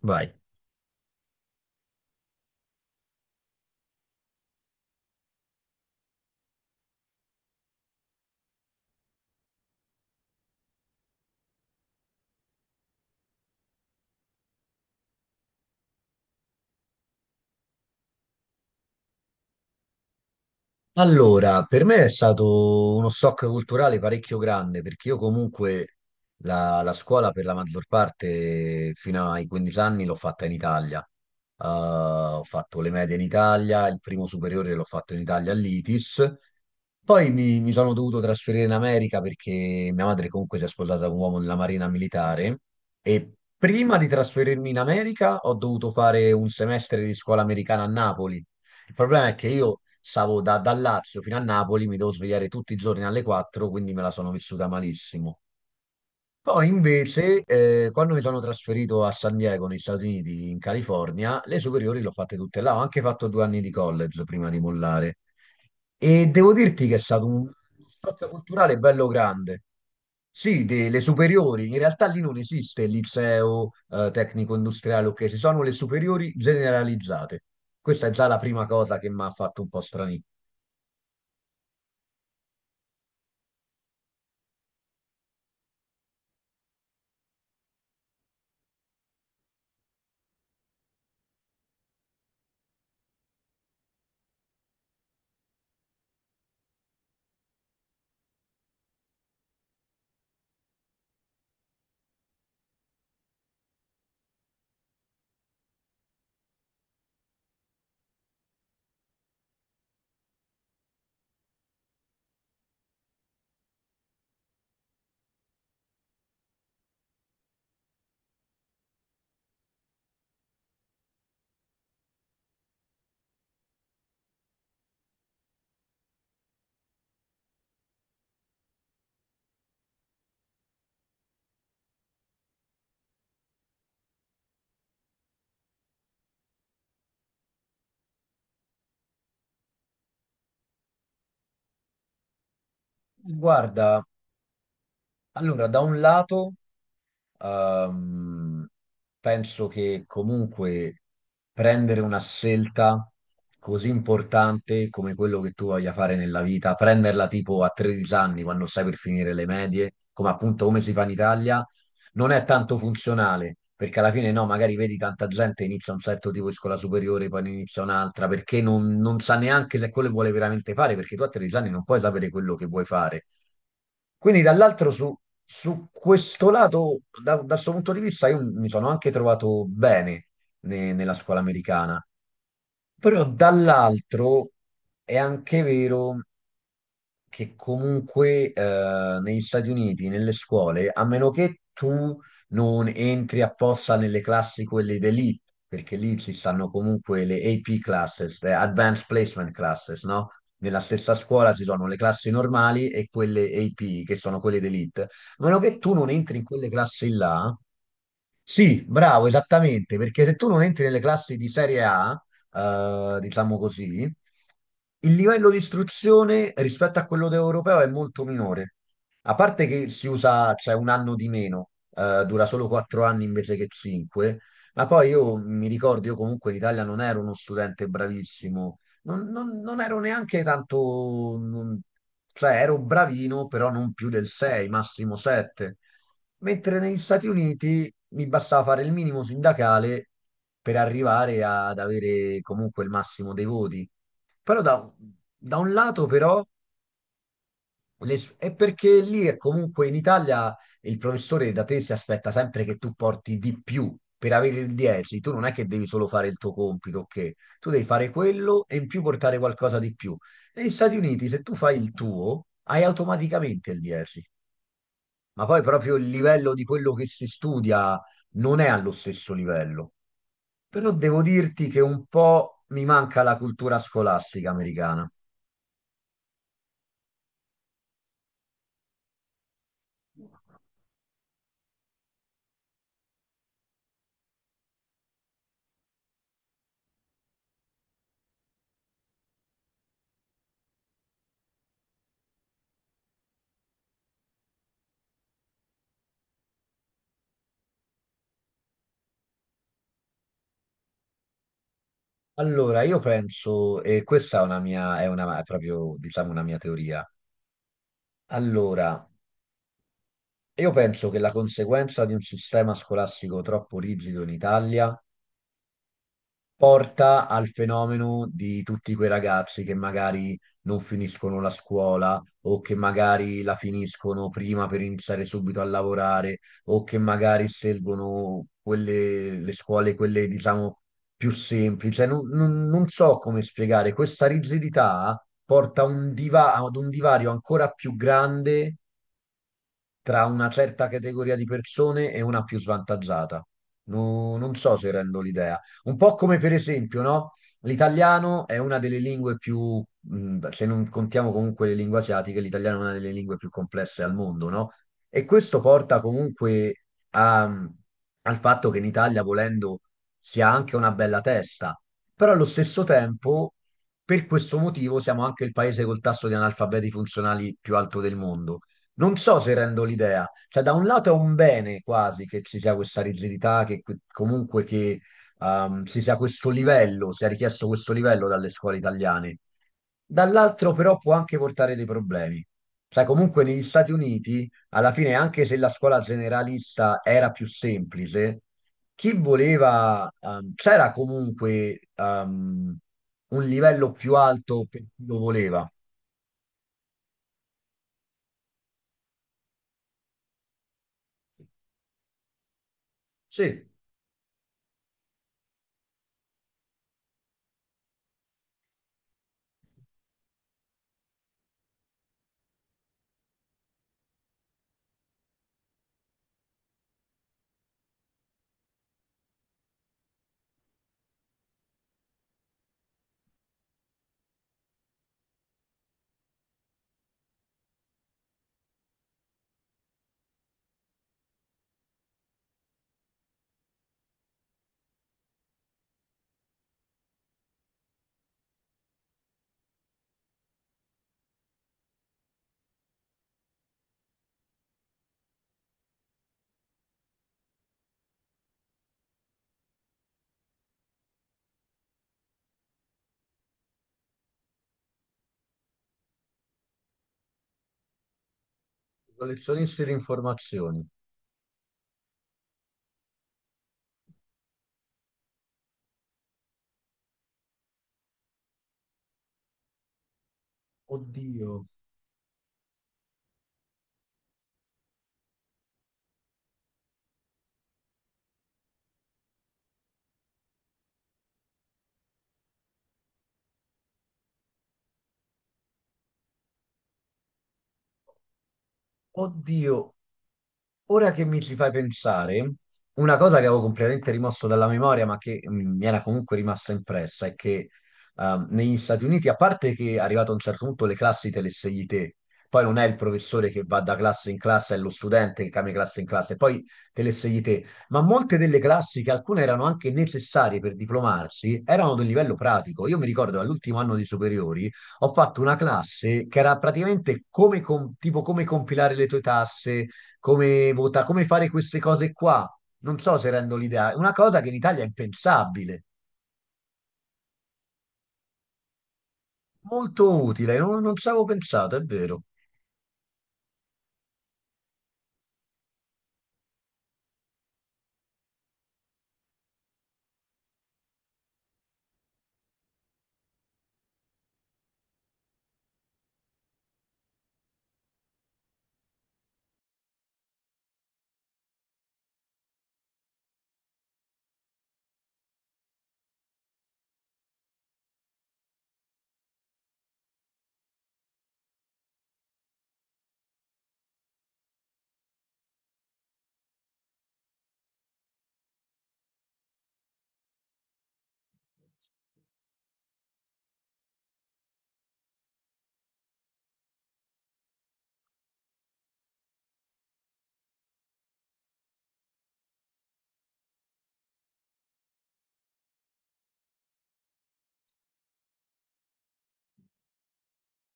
Vai. Allora, per me è stato uno shock culturale parecchio grande perché io comunque la scuola per la maggior parte fino ai 15 anni l'ho fatta in Italia. Ho fatto le medie in Italia, il primo superiore l'ho fatto in Italia all'ITIS. Poi mi sono dovuto trasferire in America perché mia madre comunque si è sposata con un uomo nella marina militare e prima di trasferirmi in America ho dovuto fare un semestre di scuola americana a Napoli. Il problema è che io stavo dal Lazio fino a Napoli, mi devo svegliare tutti i giorni alle 4, quindi me la sono vissuta malissimo. Poi invece, quando mi sono trasferito a San Diego, negli Stati Uniti, in California, le superiori le ho fatte tutte là. Ho anche fatto 2 anni di college prima di mollare. E devo dirti che è stato un shock culturale bello grande. Sì, delle superiori, in realtà lì non esiste il liceo, tecnico industriale, ok, ci sono le superiori generalizzate. Questa è già la prima cosa che mi ha fatto un po' strani. Guarda, allora, da un lato Ehm, penso che comunque prendere una scelta così importante come quello che tu voglia fare nella vita, prenderla tipo a 13 anni quando stai per finire le medie, come appunto come si fa in Italia, non è tanto funzionale. Perché alla fine no, magari vedi tanta gente inizia un certo tipo di scuola superiore, poi ne inizia un'altra, perché non sa neanche se quello che vuole veramente fare, perché tu a 13 anni non puoi sapere quello che vuoi fare. Quindi dall'altro su, su questo lato, da questo punto di vista, io mi sono anche trovato bene nella scuola americana, però dall'altro è anche vero che comunque negli Stati Uniti, nelle scuole, a meno che tu non entri apposta nelle classi quelle d'elite, perché lì ci stanno comunque le AP classes, le Advanced Placement classes, no? Nella stessa scuola ci sono le classi normali e quelle AP, che sono quelle d'elite. A meno che tu non entri in quelle classi là, sì, bravo, esattamente, perché se tu non entri nelle classi di serie A, diciamo così, il livello di istruzione rispetto a quello europeo è molto minore. A parte che si usa, c'è un anno di meno, dura solo 4 anni invece che 5, ma poi io mi ricordo, io comunque in Italia non ero uno studente bravissimo, non ero neanche tanto, cioè ero bravino, però non più del 6, massimo 7. Mentre negli Stati Uniti mi bastava fare il minimo sindacale per arrivare ad avere comunque il massimo dei voti. Però da, da un lato però è perché lì è comunque in Italia il professore da te si aspetta sempre che tu porti di più per avere il 10. Tu non è che devi solo fare il tuo compito, ok? Tu devi fare quello e in più portare qualcosa di più. Negli Stati Uniti se tu fai il tuo hai automaticamente il 10, ma poi proprio il livello di quello che si studia non è allo stesso livello. Però devo dirti che un po' mi manca la cultura scolastica americana. Allora, io penso, e questa è una mia, è una, è proprio, diciamo, una mia teoria. Allora, io penso che la conseguenza di un sistema scolastico troppo rigido in Italia porta al fenomeno di tutti quei ragazzi che magari non finiscono la scuola o che magari la finiscono prima per iniziare subito a lavorare o che magari scelgono quelle, le scuole, quelle diciamo più semplici. Cioè, non so come spiegare, questa rigidità porta a ad un divario ancora più grande tra una certa categoria di persone e una più svantaggiata. Non so se rendo l'idea. Un po' come per esempio, no? L'italiano è una delle lingue più, se non contiamo comunque le lingue asiatiche, l'italiano è una delle lingue più complesse al mondo, no? E questo porta comunque a- al fatto che in Italia, volendo, si ha anche una bella testa, però allo stesso tempo, per questo motivo, siamo anche il paese col tasso di analfabeti funzionali più alto del mondo. Non so se rendo l'idea, cioè da un lato è un bene quasi che ci sia questa rigidità, comunque che ci sia questo livello, sia richiesto questo livello dalle scuole italiane, dall'altro però può anche portare dei problemi. Cioè comunque negli Stati Uniti, alla fine, anche se la scuola generalista era più semplice, chi voleva, c'era comunque un livello più alto per chi lo voleva. Sì, collezionisti di informazioni. Oddio, oddio. Ora che mi ci fai pensare, una cosa che avevo completamente rimosso dalla memoria, ma che mm, mi era comunque rimasta impressa, è che negli Stati Uniti, a parte che è arrivato a un certo punto le classi te le scegli te, poi non è il professore che va da classe in classe, è lo studente che cambia classe in classe, poi te le scegli te, ma molte delle classi, che alcune erano anche necessarie per diplomarsi, erano del livello pratico. Io mi ricordo all'ultimo anno di superiori ho fatto una classe che era praticamente tipo come compilare le tue tasse, come vota, come fare queste cose qua. Non so se rendo l'idea. È una cosa che in Italia è impensabile. Molto utile, non ci avevo pensato, è vero.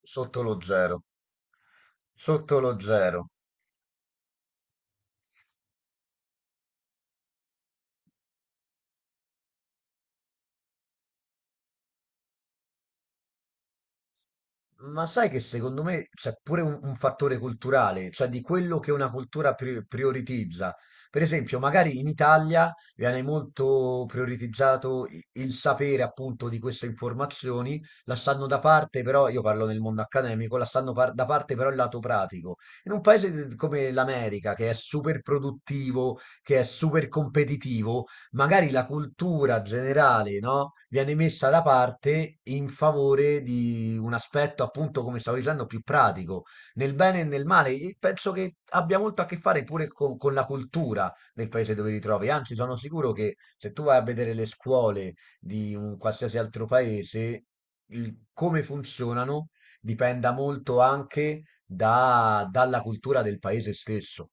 Sotto lo zero. Sotto lo zero. Ma sai che secondo me c'è pure un fattore culturale, cioè di quello che una cultura prioritizza. Per esempio, magari in Italia viene molto prioritizzato il sapere appunto di queste informazioni, lasciando da parte però, io parlo nel mondo accademico, lasciando da parte però il lato pratico. In un paese come l'America, che è super produttivo, che è super competitivo, magari la cultura generale, no, viene messa da parte in favore di un aspetto, appunto, come stavo dicendo, più pratico, nel bene e nel male. E penso che abbia molto a che fare pure con la cultura del paese dove ti trovi. Anzi, sono sicuro che se tu vai a vedere le scuole di un qualsiasi altro paese, come funzionano dipenda molto anche dalla cultura del paese stesso.